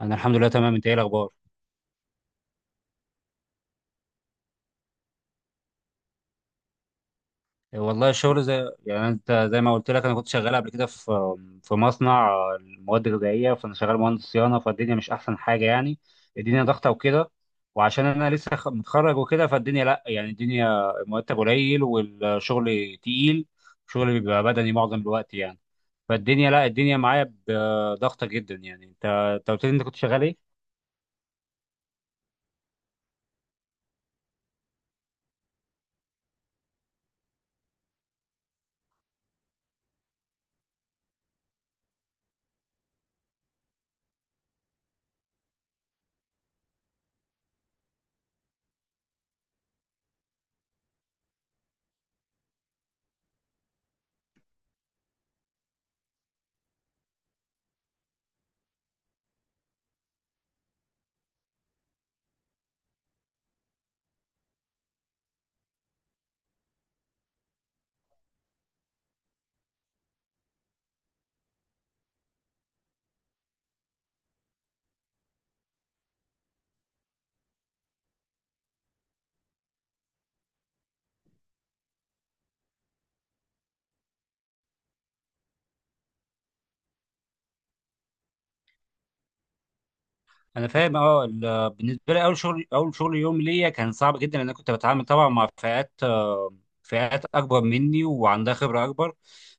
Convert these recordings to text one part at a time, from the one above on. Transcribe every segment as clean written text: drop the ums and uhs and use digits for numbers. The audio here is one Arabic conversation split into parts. انا الحمد لله تمام، انت ايه الاخبار؟ والله الشغل زي يعني انت زي ما قلت لك انا كنت شغال قبل كده في مصنع المواد الغذائيه، فانا شغال مهندس صيانه، فالدنيا مش احسن حاجه يعني. الدنيا ضغطه وكده، وعشان انا لسه متخرج وكده، فالدنيا لا، يعني الدنيا مرتب قليل والشغل تقيل، شغل بيبقى بدني معظم الوقت يعني. فالدنيا لا، الدنيا معايا ضغطه جدا يعني. انت، انت قلت لي انت كنت شغال ايه؟ انا فاهم، اه بالنسبه لي، اول شغل يوم ليا كان صعب جدا، لان انا كنت بتعامل طبعا مع فئات اكبر مني وعندها خبره اكبر.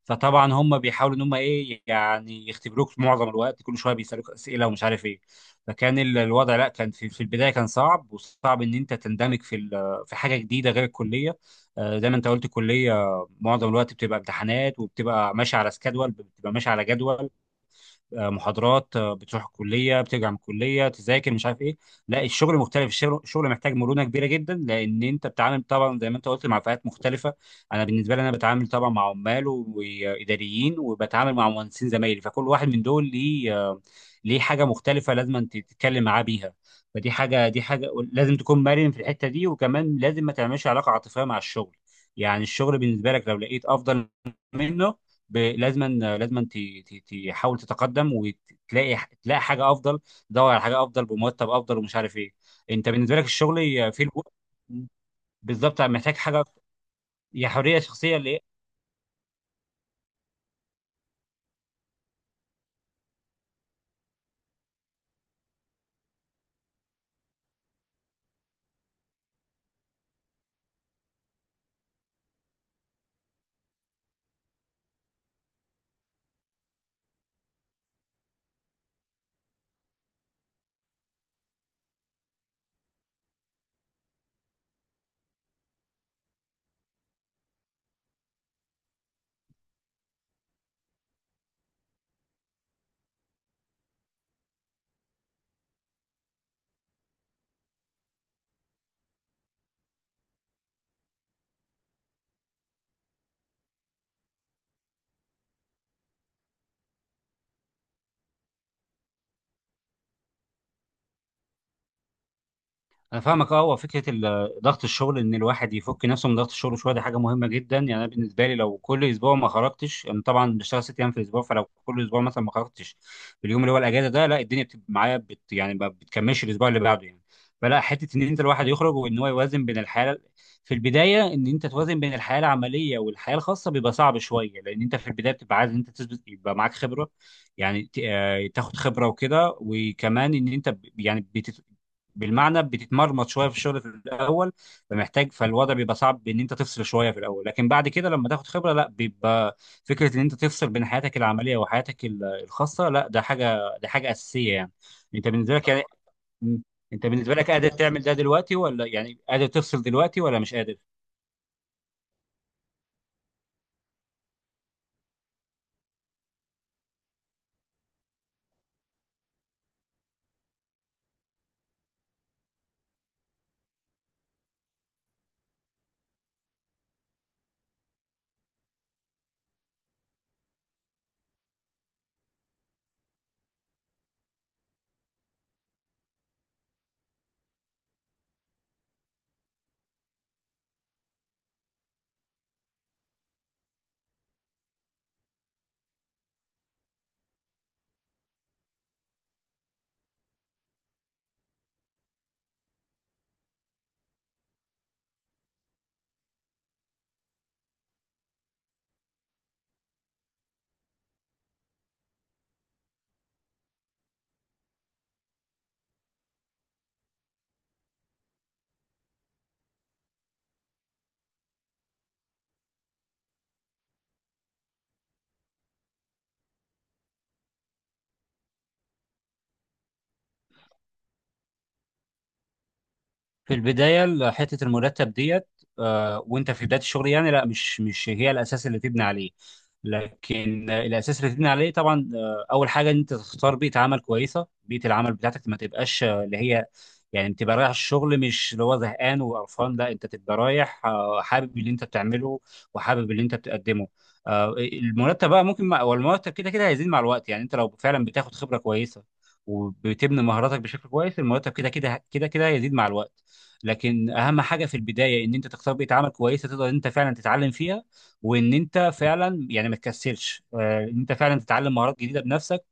فطبعا هم بيحاولوا ان هم ايه يعني يختبروك، معظم الوقت كل شويه بيسالوك اسئله ومش عارف ايه. فكان الوضع، لا، كان في البدايه كان صعب، وصعب ان انت تندمج في في حاجه جديده غير الكليه. آه، زي ما انت قلت الكليه معظم الوقت بتبقى امتحانات، وبتبقى ماشي على سكادول، بتبقى ماشي على جدول، آه، محاضرات، بتروح الكليه، بترجع من الكليه تذاكر، مش عارف ايه. لا، الشغل مختلف، الشغل محتاج مرونه كبيره جدا، لان انت بتتعامل طبعا زي ما انت قلت مع فئات مختلفه. انا بالنسبه لي انا بتعامل طبعا مع عمال واداريين، وبتعامل مع مهندسين زمايلي، فكل واحد من دول ليه ليه حاجه مختلفه لازم أنت تتكلم معاه بيها. فدي حاجه دي حاجه لازم تكون مرن في الحته دي، وكمان لازم ما تعملش علاقه عاطفيه مع الشغل. يعني الشغل بالنسبه لك لو لقيت افضل منه، لازما، لازما ت- ت- تحاول تتقدم وتلاقي، حاجه افضل، تدور على حاجه افضل بمرتب افضل ومش عارف ايه. انت بالنسبه لك الشغل في الوقت بالظبط محتاج حاجه؟ يا حريه شخصيه. انا فاهمك، اه. هو فكره ضغط الشغل، ان الواحد يفك نفسه من ضغط الشغل شويه، دي حاجه مهمه جدا. يعني انا بالنسبه لي، لو كل اسبوع ما خرجتش، انا طبعا بشتغل 6 ايام في الاسبوع، فلو كل اسبوع مثلا ما خرجتش في اليوم اللي هو الاجازه ده، لا، الدنيا بتبقى معايا يعني ما بتكملش الاسبوع اللي بعده يعني. فلا، حته ان انت الواحد يخرج وان هو يوازن بين الحياه، في البدايه ان انت توازن بين الحياه العمليه والحياه الخاصه بيبقى صعب شويه، لان انت في البدايه بتبقى عايز ان انت تثبت، يبقى معاك خبره، يعني تاخد خبره وكده. وكمان ان انت بالمعنى بتتمرمط شويه في الشغل في الاول، فمحتاج، فالوضع بيبقى صعب ان انت تفصل شويه في الاول، لكن بعد كده لما تاخد خبره، لا، بيبقى فكره ان انت تفصل بين حياتك العمليه وحياتك الخاصه، لا، ده حاجه اساسيه يعني. انت بالنسبه لك يعني م- انت بالنسبه لك قادر تعمل ده دلوقتي ولا، يعني قادر تفصل دلوقتي ولا مش قادر؟ في البدايه حته المرتب ديت، آه، وانت في بدايه الشغل، يعني لا، مش هي الاساس اللي تبني عليه. لكن آه، الاساس اللي تبني عليه طبعا، آه، اول حاجه ان انت تختار بيئه عمل كويسه. بيئه العمل بتاعتك ما تبقاش، آه، اللي هي يعني تبقى رايح الشغل مش اللي هو زهقان وقرفان، لا، انت تبقى رايح، آه، حابب اللي انت بتعمله، وحابب اللي انت بتقدمه. آه، المرتب بقى ممكن والمرتب كده كده هيزيد مع الوقت، يعني انت لو فعلا بتاخد خبره كويسه وبتبني مهاراتك بشكل كويس، المرتب كده كده كده كده هيزيد مع الوقت. لكن اهم حاجه في البدايه ان انت تختار بيئه عمل كويسه تقدر انت فعلا تتعلم فيها، وان انت فعلا يعني ما تكسلش، آه، ان انت فعلا تتعلم مهارات جديده بنفسك،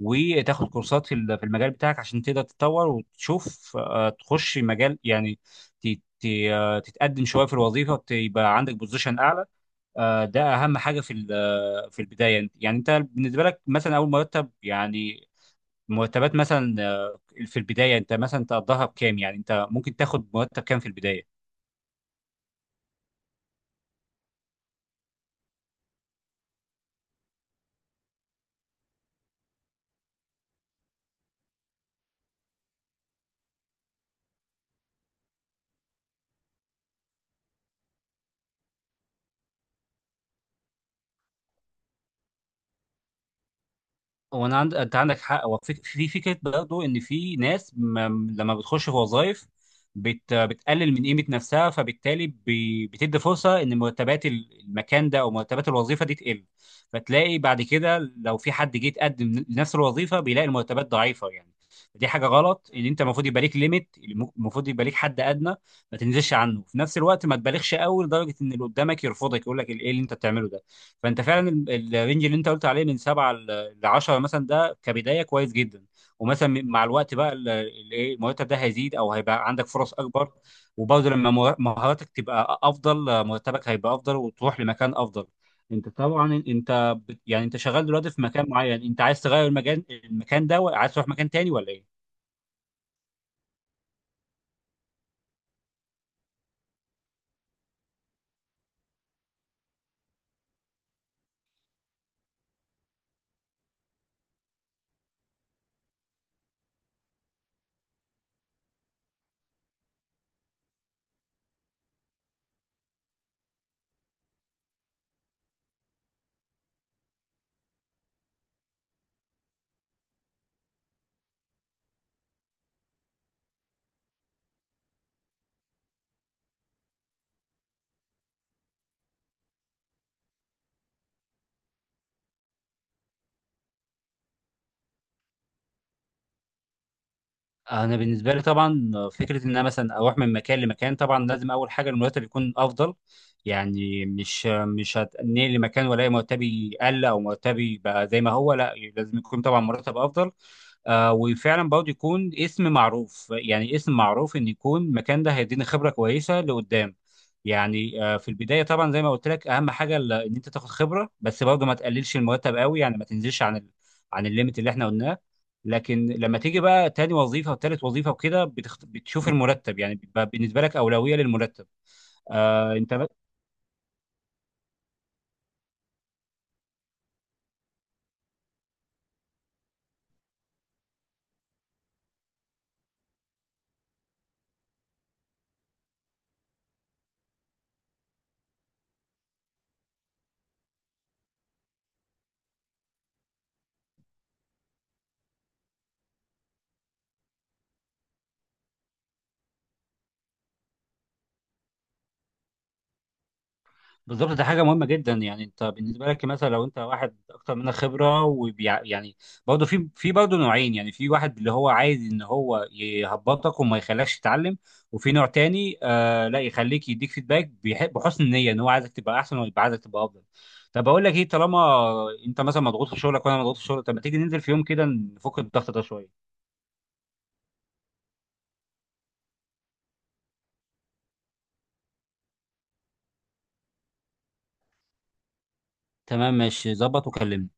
وتاخد كورسات في في المجال بتاعك عشان تقدر تتطور، وتشوف، آه، تخش مجال يعني، ت- ت- تتقدم شويه في الوظيفه، وتبقى عندك بوزيشن اعلى. آه، ده اهم حاجه في في البدايه. يعني انت بالنسبه لك مثلا اول مرتب، يعني مرتبات مثلا، آه، في البدايه انت مثلا تقضيها بكام، يعني انت ممكن تاخد مرتب كام في البدايه؟ هو انت عندك حق. هو في فكره برضه ان في ناس ما... لما بتخش في وظائف بتقلل من قيمه نفسها، فبالتالي بتدي فرصه ان مرتبات المكان ده او مرتبات الوظيفه دي تقل. فتلاقي بعد كده لو في حد جه يتقدم لنفس الوظيفه بيلاقي المرتبات ضعيفه يعني. دي حاجه غلط، ان انت المفروض يبقى ليك ليميت، المفروض يبقى ليك حد ادنى ما تنزلش عنه، في نفس الوقت ما تبالغش قوي لدرجه ان اللي قدامك يرفضك يقول لك ايه اللي انت بتعمله ده. فانت فعلا الرينج اللي انت قلت عليه من 7 ل 10 مثلا ده كبدايه كويس جدا. ومثلا مع الوقت بقى ال- ال- ايه المرتب ده هيزيد، او هيبقى عندك فرص اكبر. وبرضه لما مهاراتك تبقى افضل، مرتبك هيبقى افضل وتروح لمكان افضل. انت طبعا، انت بت- يعني انت شغال دلوقتي في مكان معين، انت عايز تغير المكان ده وعايز تروح مكان تاني ولا ايه؟ انا بالنسبه لي طبعا، فكره ان انا مثلا اروح من مكان لمكان، طبعا لازم اول حاجه المرتب يكون افضل. يعني مش هتنقل لمكان والاقي مرتبي قل او مرتبي بقى زي ما هو، لا، لازم يكون طبعا مرتب افضل. آه وفعلا برضه يكون اسم معروف، يعني اسم معروف ان يكون المكان ده هيديني خبره كويسه لقدام. يعني آه في البدايه طبعا زي ما قلت لك اهم حاجه ان انت تاخد خبره، بس برضه ما تقللش المرتب قوي، يعني ما تنزلش عن الليميت اللي احنا قلناه. لكن لما تيجي بقى تاني وظيفه وتالت وظيفه وكده، بتشوف المرتب، يعني بيبقى بالنسبه لك اولويه للمرتب. آه انت ب... بالظبط، ده حاجه مهمه جدا. يعني انت بالنسبه لك مثلا لو انت واحد اكتر منك خبره وبيع... يعني برضه في برضه نوعين يعني. في واحد اللي هو عايز ان هو يهبطك وما يخليكش تتعلم، وفي نوع تاني آه لا، يخليك يديك فيدباك بحسن النيه، ان هو عايزك تبقى احسن ويبقى عايزك تبقى افضل. طب اقول لك ايه، طالما انت مثلا مضغوط في شغلك وانا مضغوط في شغلك، طب ما تيجي ننزل في يوم كده نفك الضغط ده شويه؟ تمام، ماشي، ظبط، وكلمني.